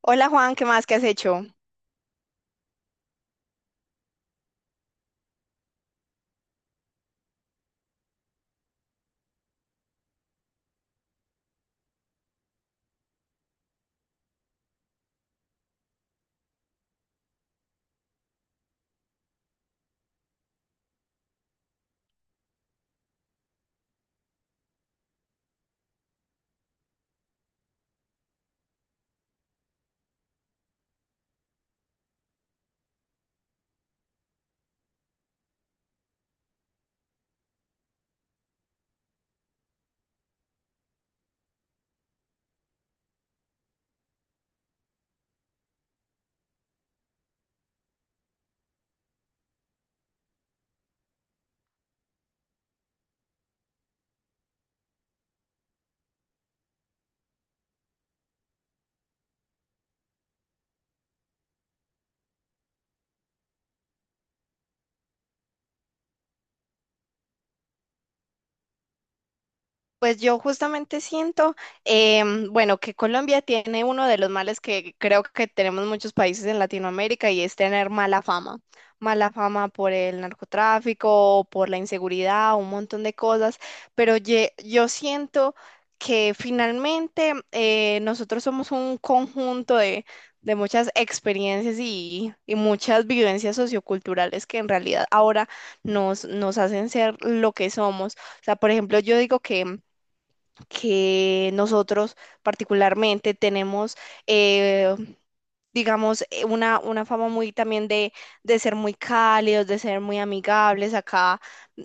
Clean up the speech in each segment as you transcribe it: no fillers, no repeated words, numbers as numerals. Hola Juan, ¿qué más? ¿Qué has hecho? Pues yo justamente siento, bueno, que Colombia tiene uno de los males que creo que tenemos muchos países en Latinoamérica y es tener mala fama. Mala fama por el narcotráfico, por la inseguridad, un montón de cosas, pero yo siento que finalmente nosotros somos un conjunto de muchas experiencias y muchas vivencias socioculturales que en realidad ahora nos hacen ser lo que somos. O sea, por ejemplo, yo digo que nosotros particularmente tenemos, eh, digamos, una fama muy también de ser muy cálidos, de ser muy amigables. Acá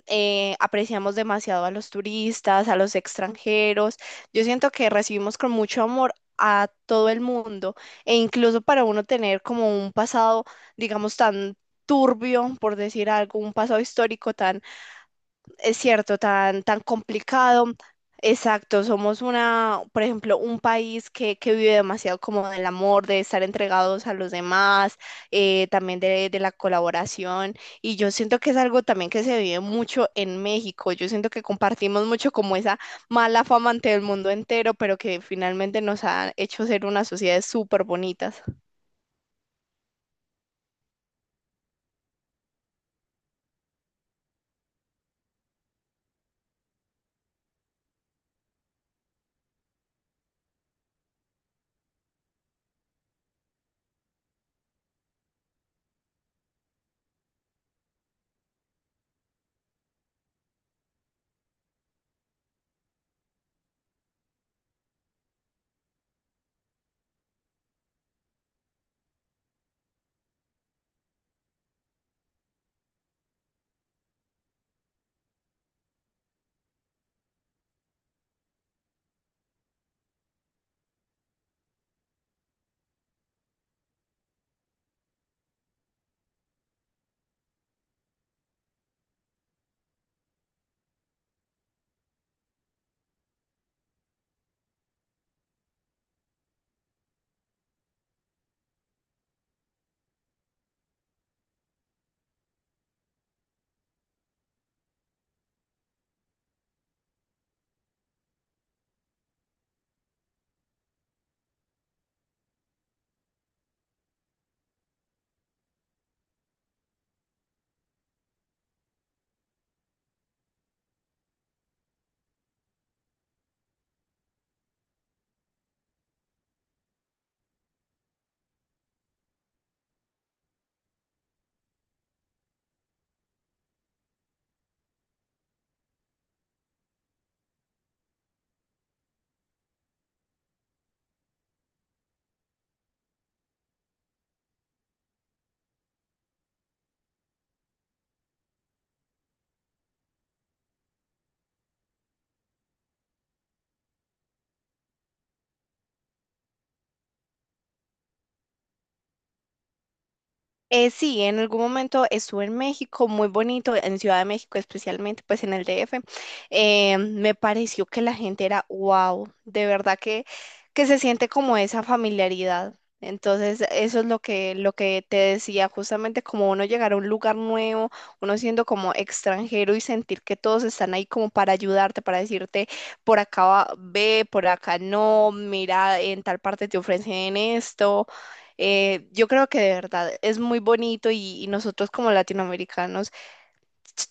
apreciamos demasiado a los turistas, a los extranjeros. Yo siento que recibimos con mucho amor a todo el mundo e incluso para uno tener como un pasado, digamos, tan turbio, por decir algo, un pasado histórico tan es cierto, tan, tan complicado. Exacto, somos una, por ejemplo, un país que vive demasiado como del amor, de estar entregados a los demás, también de la colaboración. Y yo siento que es algo también que se vive mucho en México. Yo siento que compartimos mucho como esa mala fama ante el mundo entero, pero que finalmente nos ha hecho ser unas sociedades súper bonitas. Sí, en algún momento estuve en México, muy bonito, en Ciudad de México, especialmente pues en el DF. Me pareció que la gente era wow, de verdad que se siente como esa familiaridad. Entonces, eso es lo que te decía, justamente como uno llegar a un lugar nuevo, uno siendo como extranjero y sentir que todos están ahí como para ayudarte, para decirte, por acá ve, por acá no, mira, en tal parte te ofrecen esto. Yo creo que de verdad es muy bonito y nosotros como latinoamericanos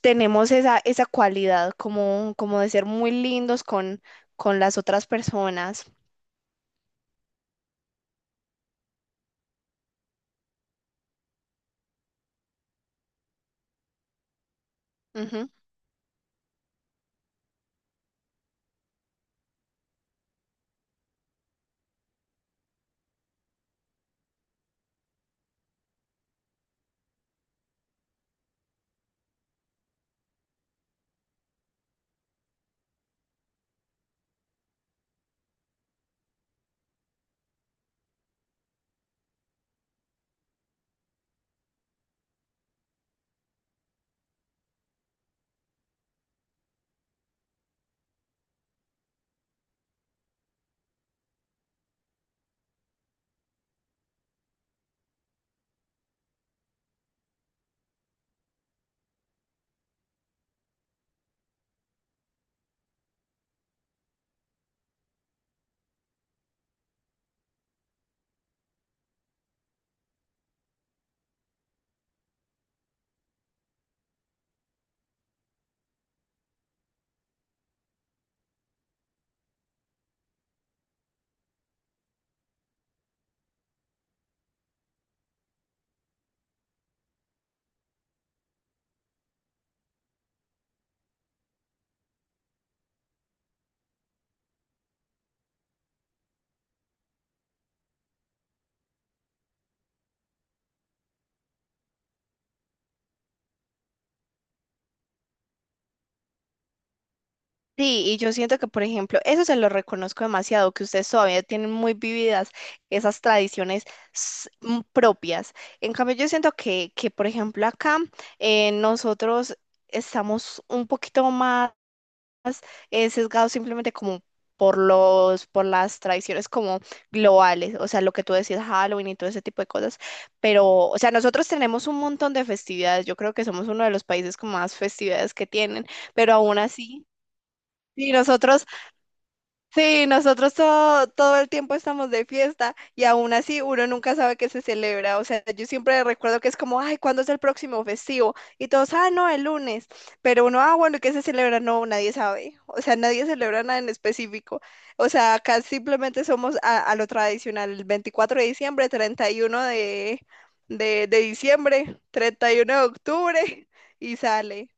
tenemos esa, esa cualidad como, como de ser muy lindos con las otras personas. Ujú. Sí, y yo siento que, por ejemplo, eso se lo reconozco demasiado, que ustedes todavía tienen muy vividas esas tradiciones propias. En cambio, yo siento que por ejemplo, acá nosotros estamos un poquito más sesgado simplemente como por los, por las tradiciones como globales, o sea, lo que tú decías, Halloween y todo ese tipo de cosas, pero, o sea, nosotros tenemos un montón de festividades, yo creo que somos uno de los países con más festividades que tienen, pero aún así, sí, nosotros todo, todo el tiempo estamos de fiesta y aún así uno nunca sabe qué se celebra. O sea, yo siempre recuerdo que es como, ay, ¿cuándo es el próximo festivo? Y todos, ah, no, el lunes. Pero uno, ah, bueno, ¿y qué se celebra? No, nadie sabe. O sea, nadie celebra nada en específico. O sea, acá simplemente somos a lo tradicional, el 24 de diciembre, 31 de, de diciembre, 31 de octubre y sale.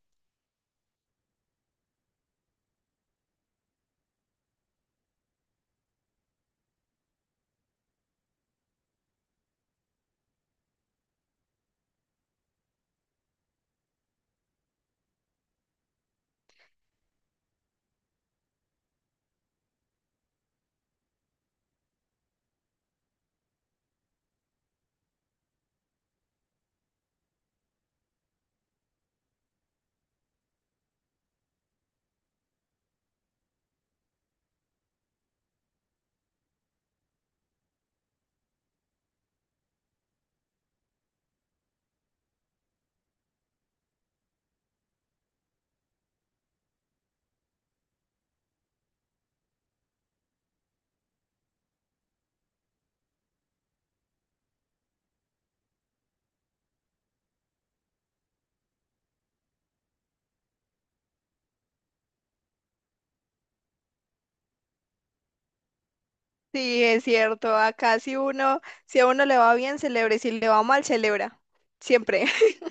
Sí, es cierto. Acá si uno, si a uno le va bien, celebra, y si le va mal, celebra. Siempre.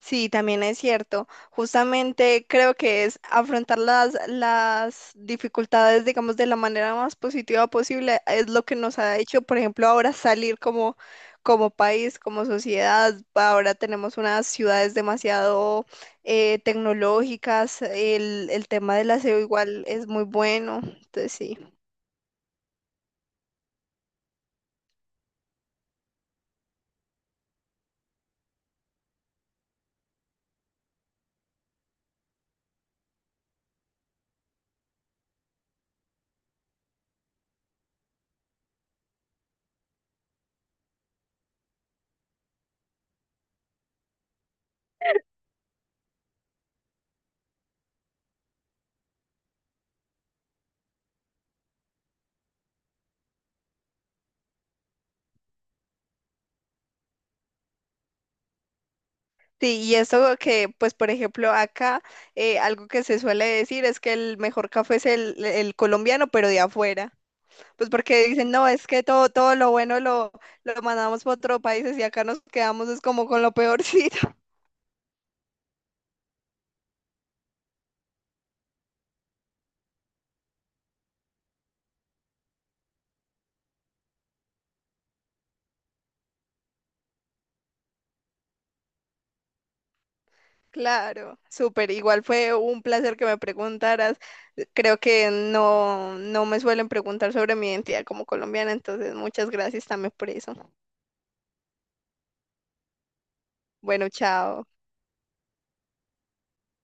Sí, también es cierto. Justamente creo que es afrontar las dificultades, digamos, de la manera más positiva posible, es lo que nos ha hecho, por ejemplo, ahora salir como, como país, como sociedad. Ahora tenemos unas ciudades demasiado tecnológicas, el tema del aseo igual es muy bueno. Entonces, sí. Sí, y eso que, pues, por ejemplo, acá algo que se suele decir es que el mejor café es el colombiano, pero de afuera. Pues porque dicen, no, es que todo, todo lo bueno lo mandamos para otros países y acá nos quedamos es como con lo peorcito. Claro, súper. Igual fue un placer que me preguntaras. Creo que no, no me suelen preguntar sobre mi identidad como colombiana, entonces muchas gracias también por eso. Bueno, chao.